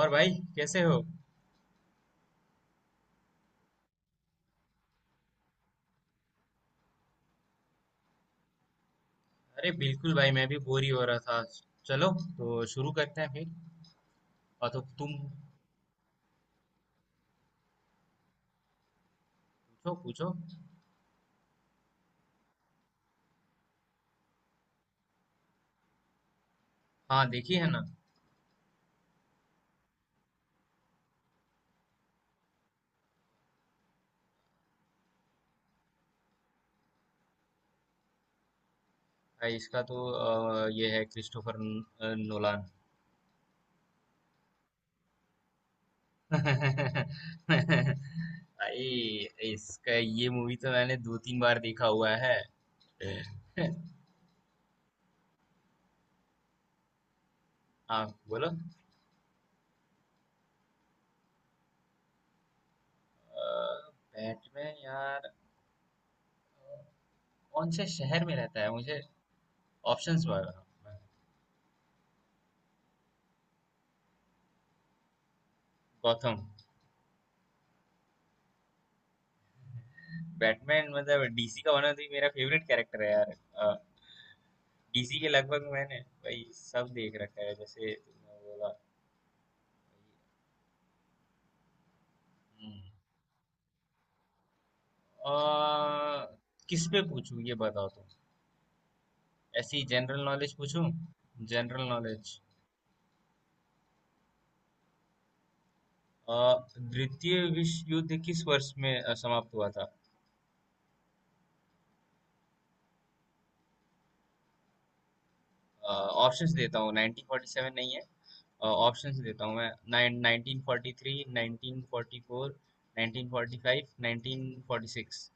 और भाई कैसे हो। अरे बिल्कुल भाई मैं भी बोर ही हो रहा था। चलो, तो शुरू करते हैं फिर। और तो तुम पूछो पूछो। हाँ देखी है ना। भाई इसका तो ये है क्रिस्टोफर न- अ, नोलान। भाई इसका ये मूवी तो मैंने दो तीन बार देखा हुआ है। हाँ बोलो। बैटमैन यार, कौन से शहर में रहता है मुझे ऑप्शंस बताओ। गॉथम। बैटमैन मतलब डीसी का होना, तो ये मेरा फेवरेट कैरेक्टर है यार। डीसी के लगभग मैंने भाई सब देख रखा है जैसे तुमने बोला। हम्म। आ, किस पे पूछूं ये बताओ तुम। ऐसी जनरल नॉलेज पूछूं? General knowledge. द्वितीय विश्व युद्ध किस वर्ष में समाप्त हुआ था? ऑप्शंस देता हूँ, 1947 नहीं है। ऑप्शंस देता हूँ मैं, नाइन 1943, 1944, 1945, 1946।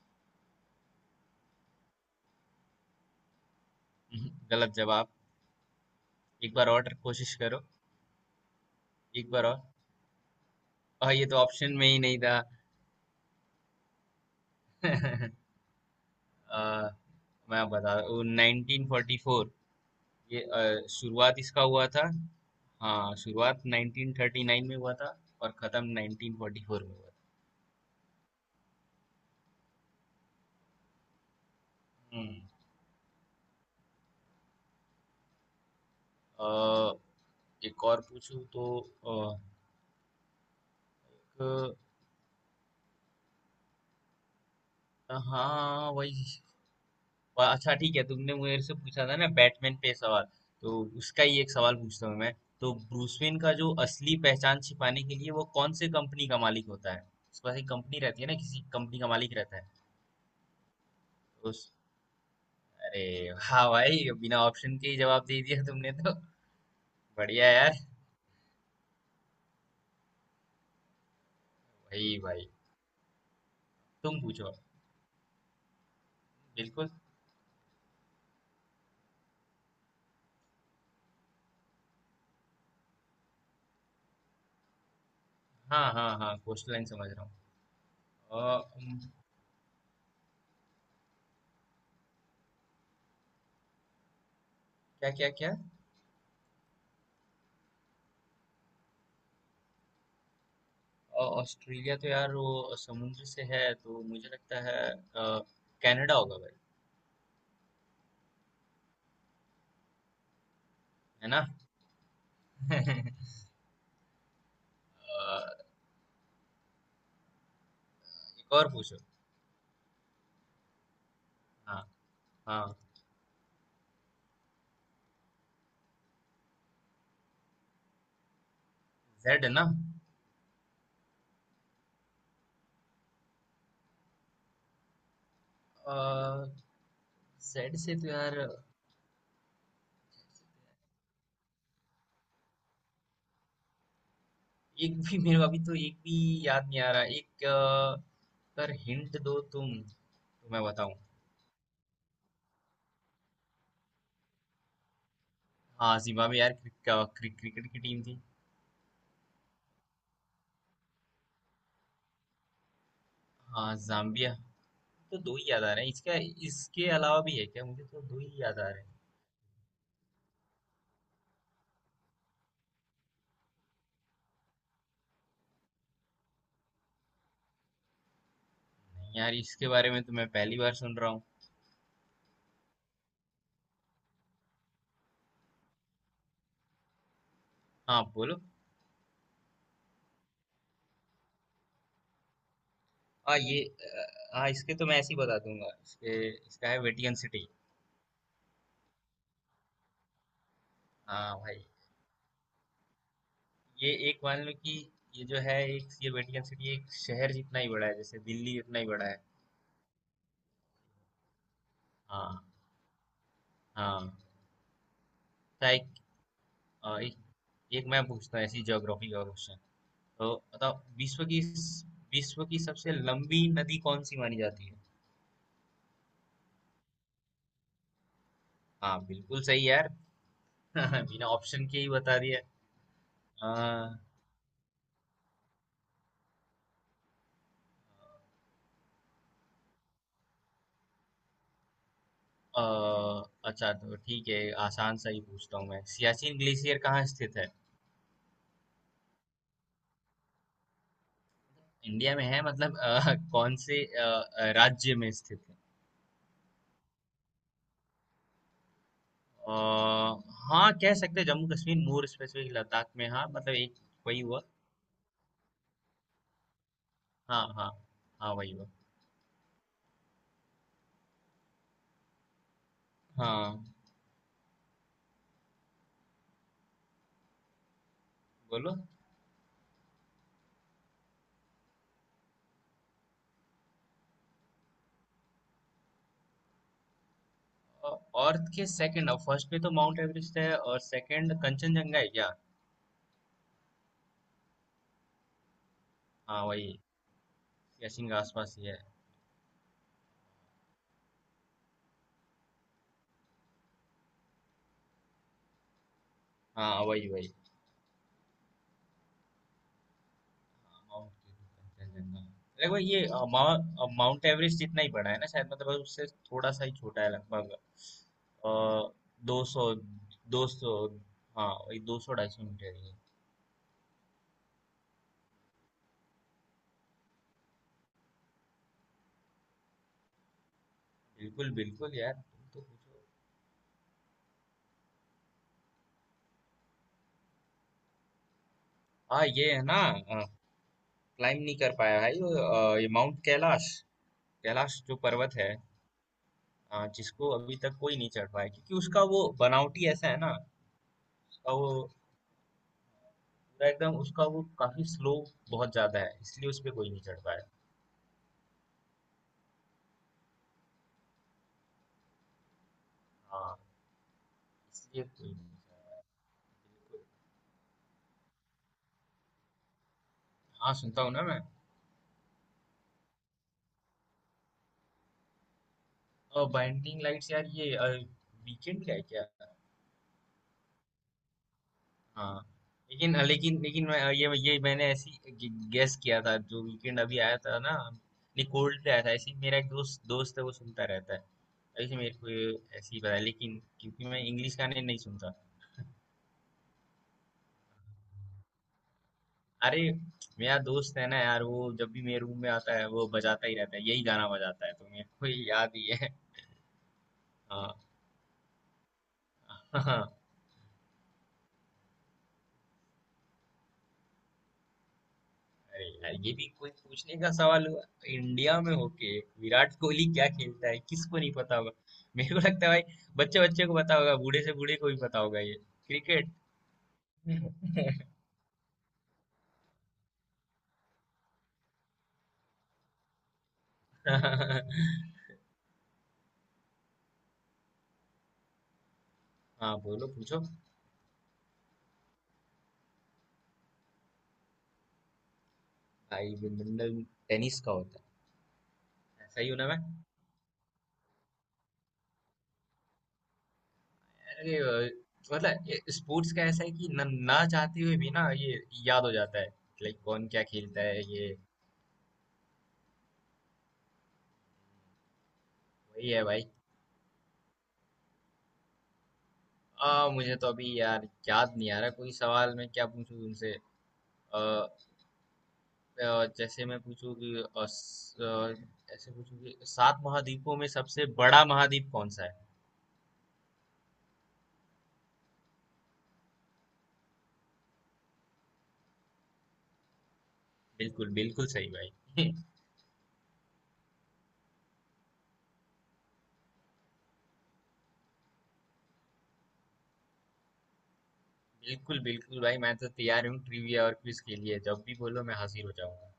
गलत जवाब। एक बार और कोशिश करो। एक बार और। ये तो ऑप्शन में ही नहीं था। आ, मैं बता, वो नाइनटीन फोर्टी फोर। ये शुरुआत इसका हुआ था। हाँ शुरुआत 1939 में हुआ था और खत्म 1944 में हुआ था। हम्म। आ, एक और पूछूं तो। आ, एक- हाँ वही। वाह, अच्छा ठीक है, तुमने मेरे से पूछा था ना बैटमैन पे सवाल, तो उसका ही एक सवाल पूछता हूँ मैं। तो ब्रूस वेन का जो असली पहचान छिपाने के लिए, वो कौन से कंपनी का मालिक होता है? उसके पास एक कंपनी रहती है ना, किसी कंपनी का मालिक रहता है। उस अरे, हाँ भाई बिना ऑप्शन के ही जवाब दे दिया तुमने तो। बढ़िया यार। भाई भाई, तुम पूछो बिल्कुल। हाँ हाँ हाँ, कोस्टल लाइन समझ रहा हूँ। अ, उम, क्या क्या क्या। ऑस्ट्रेलिया तो यार वो समुद्र से है तो मुझे लगता है कनाडा होगा भाई। है ना। अ, एक और पूछो। हाँ हाँ। जेड है ना। जेड से तो यार एक भी मेरे, अभी तो एक भी याद नहीं आ रहा। एक पर हिंट दो तुम तो मैं बताऊं। हाँ जिम्बाब्वे यार, क्रिक, क्रिक, क्रिकेट की टीम थी। हाँ जाम्बिया। तो दो ही याद आ रहे हैं इसका। इसके अलावा भी है क्या? मुझे तो दो ही याद आ रहे हैं। नहीं यार, इसके बारे में तो मैं पहली बार सुन रहा हूँ। हाँ बोलो। हाँ ये हाँ इसके तो मैं ऐसे ही बता दूंगा इसके। इसका है वेटिकन सिटी। हाँ भाई। ये एक मान लो कि ये जो है एक ये वेटिकन सिटी एक शहर जितना ही बड़ा है, जैसे दिल्ली जितना ही बड़ा है। हाँ हाँ। तो एक, अ, एक, एक मैं पूछता हूँ ऐसी ज्योग्राफी का क्वेश्चन। तो बताओ, विश्व की सबसे लंबी नदी कौन सी मानी जाती है? हाँ बिल्कुल सही यार। बिना ऑप्शन के ही बता दिया। अ, अ, अच्छा तो ठीक है, आसान सा ही पूछता हूँ मैं। सियाचिन ग्लेशियर कहाँ स्थित है? इंडिया में है मतलब कौन से राज्य में स्थित है? हाँ, कह सकते हैं जम्मू कश्मीर, मोर स्पेसिफिक लद्दाख में। हाँ मतलब एक, वही हुआ। हाँ हाँ। हाँ वही हुआ। हाँ बोलो। अर्थ के सेकंड, फर्स्ट पे तो माउंट एवरेस्ट है और सेकंड कंचनजंगा है क्या? हाँ वही गेसिंग के आसपास ही है। हाँ वही वही। हाँ, माउंट कंचनजंगा। लगभग ये माउंट एवरेस्ट जितना ही बड़ा है ना शायद, मतलब उससे थोड़ा सा ही छोटा है लगभग। दो सौ, 200, हाँ वही 200 250 मीटर ही है। बिल्कुल, बिल्कुल यार तुम तो पूछो। हाँ ये है ना, क्लाइम नहीं कर पाया भाई वो, ये माउंट कैलाश। कैलाश जो पर्वत है। जिसको अभी तक कोई नहीं चढ़ पाया, क्योंकि उसका वो बनावटी ऐसा है ना। उसका वो पूरा एकदम उसका वो काफी स्लो बहुत ज्यादा है, इसलिए उस पे कोई नहीं चढ़ पाया। हाँ, इसलिए कोई नहीं चढ़ा। बिल्कुल। हाँ सुनता हूँ ना मैं। और बाइंडिंग लाइट्स यार, ये वीकेंड का है क्या? हाँ लेकिन लेकिन लेकिन मैं ये मैंने ऐसी गेस किया था। जो वीकेंड अभी आया था ना, नहीं कोल्ड पे आया था, ऐसे ही मेरा एक दोस्त दोस्त है वो सुनता रहता है। ऐसे मेरे को ये ऐसे ही पता है, लेकिन क्योंकि मैं इंग्लिश गाने नहीं सुनता। अरे मेरा दोस्त है ना यार, वो जब भी मेरे रूम में आता है वो बजाता ही रहता है, यही गाना बजाता है, तो मेरे को ये याद ही है। हाँ। अरे यार, ये भी कोई पूछने का सवाल हुआ? तो इंडिया में होके विराट कोहली क्या खेलता है किसको नहीं पता होगा। मेरे को लगता है भाई बच्चे बच्चे को पता होगा, बूढ़े से बूढ़े को भी पता होगा ये। क्रिकेट। हाँ बोलो पूछो। भाई विंबलडन टेनिस का होता है। ऐसा ही होना मैं। अरे मतलब स्पोर्ट्स का ऐसा है कि न, ना चाहते हुए भी ना ये याद हो जाता है। लाइक कौन क्या खेलता है ये। वही है भाई। मुझे तो अभी यार याद नहीं आ रहा कोई सवाल, मैं क्या पूछूं तुमसे। जैसे मैं पूछूं कि ऐसे पूछूं कि 7 महाद्वीपों में सबसे बड़ा महाद्वीप कौन सा है? बिल्कुल बिल्कुल सही भाई। बिल्कुल बिल्कुल भाई, मैं तो तैयार हूँ ट्रिविया और क्विज के लिए, जब भी बोलो मैं हाजिर हो जाऊंगा।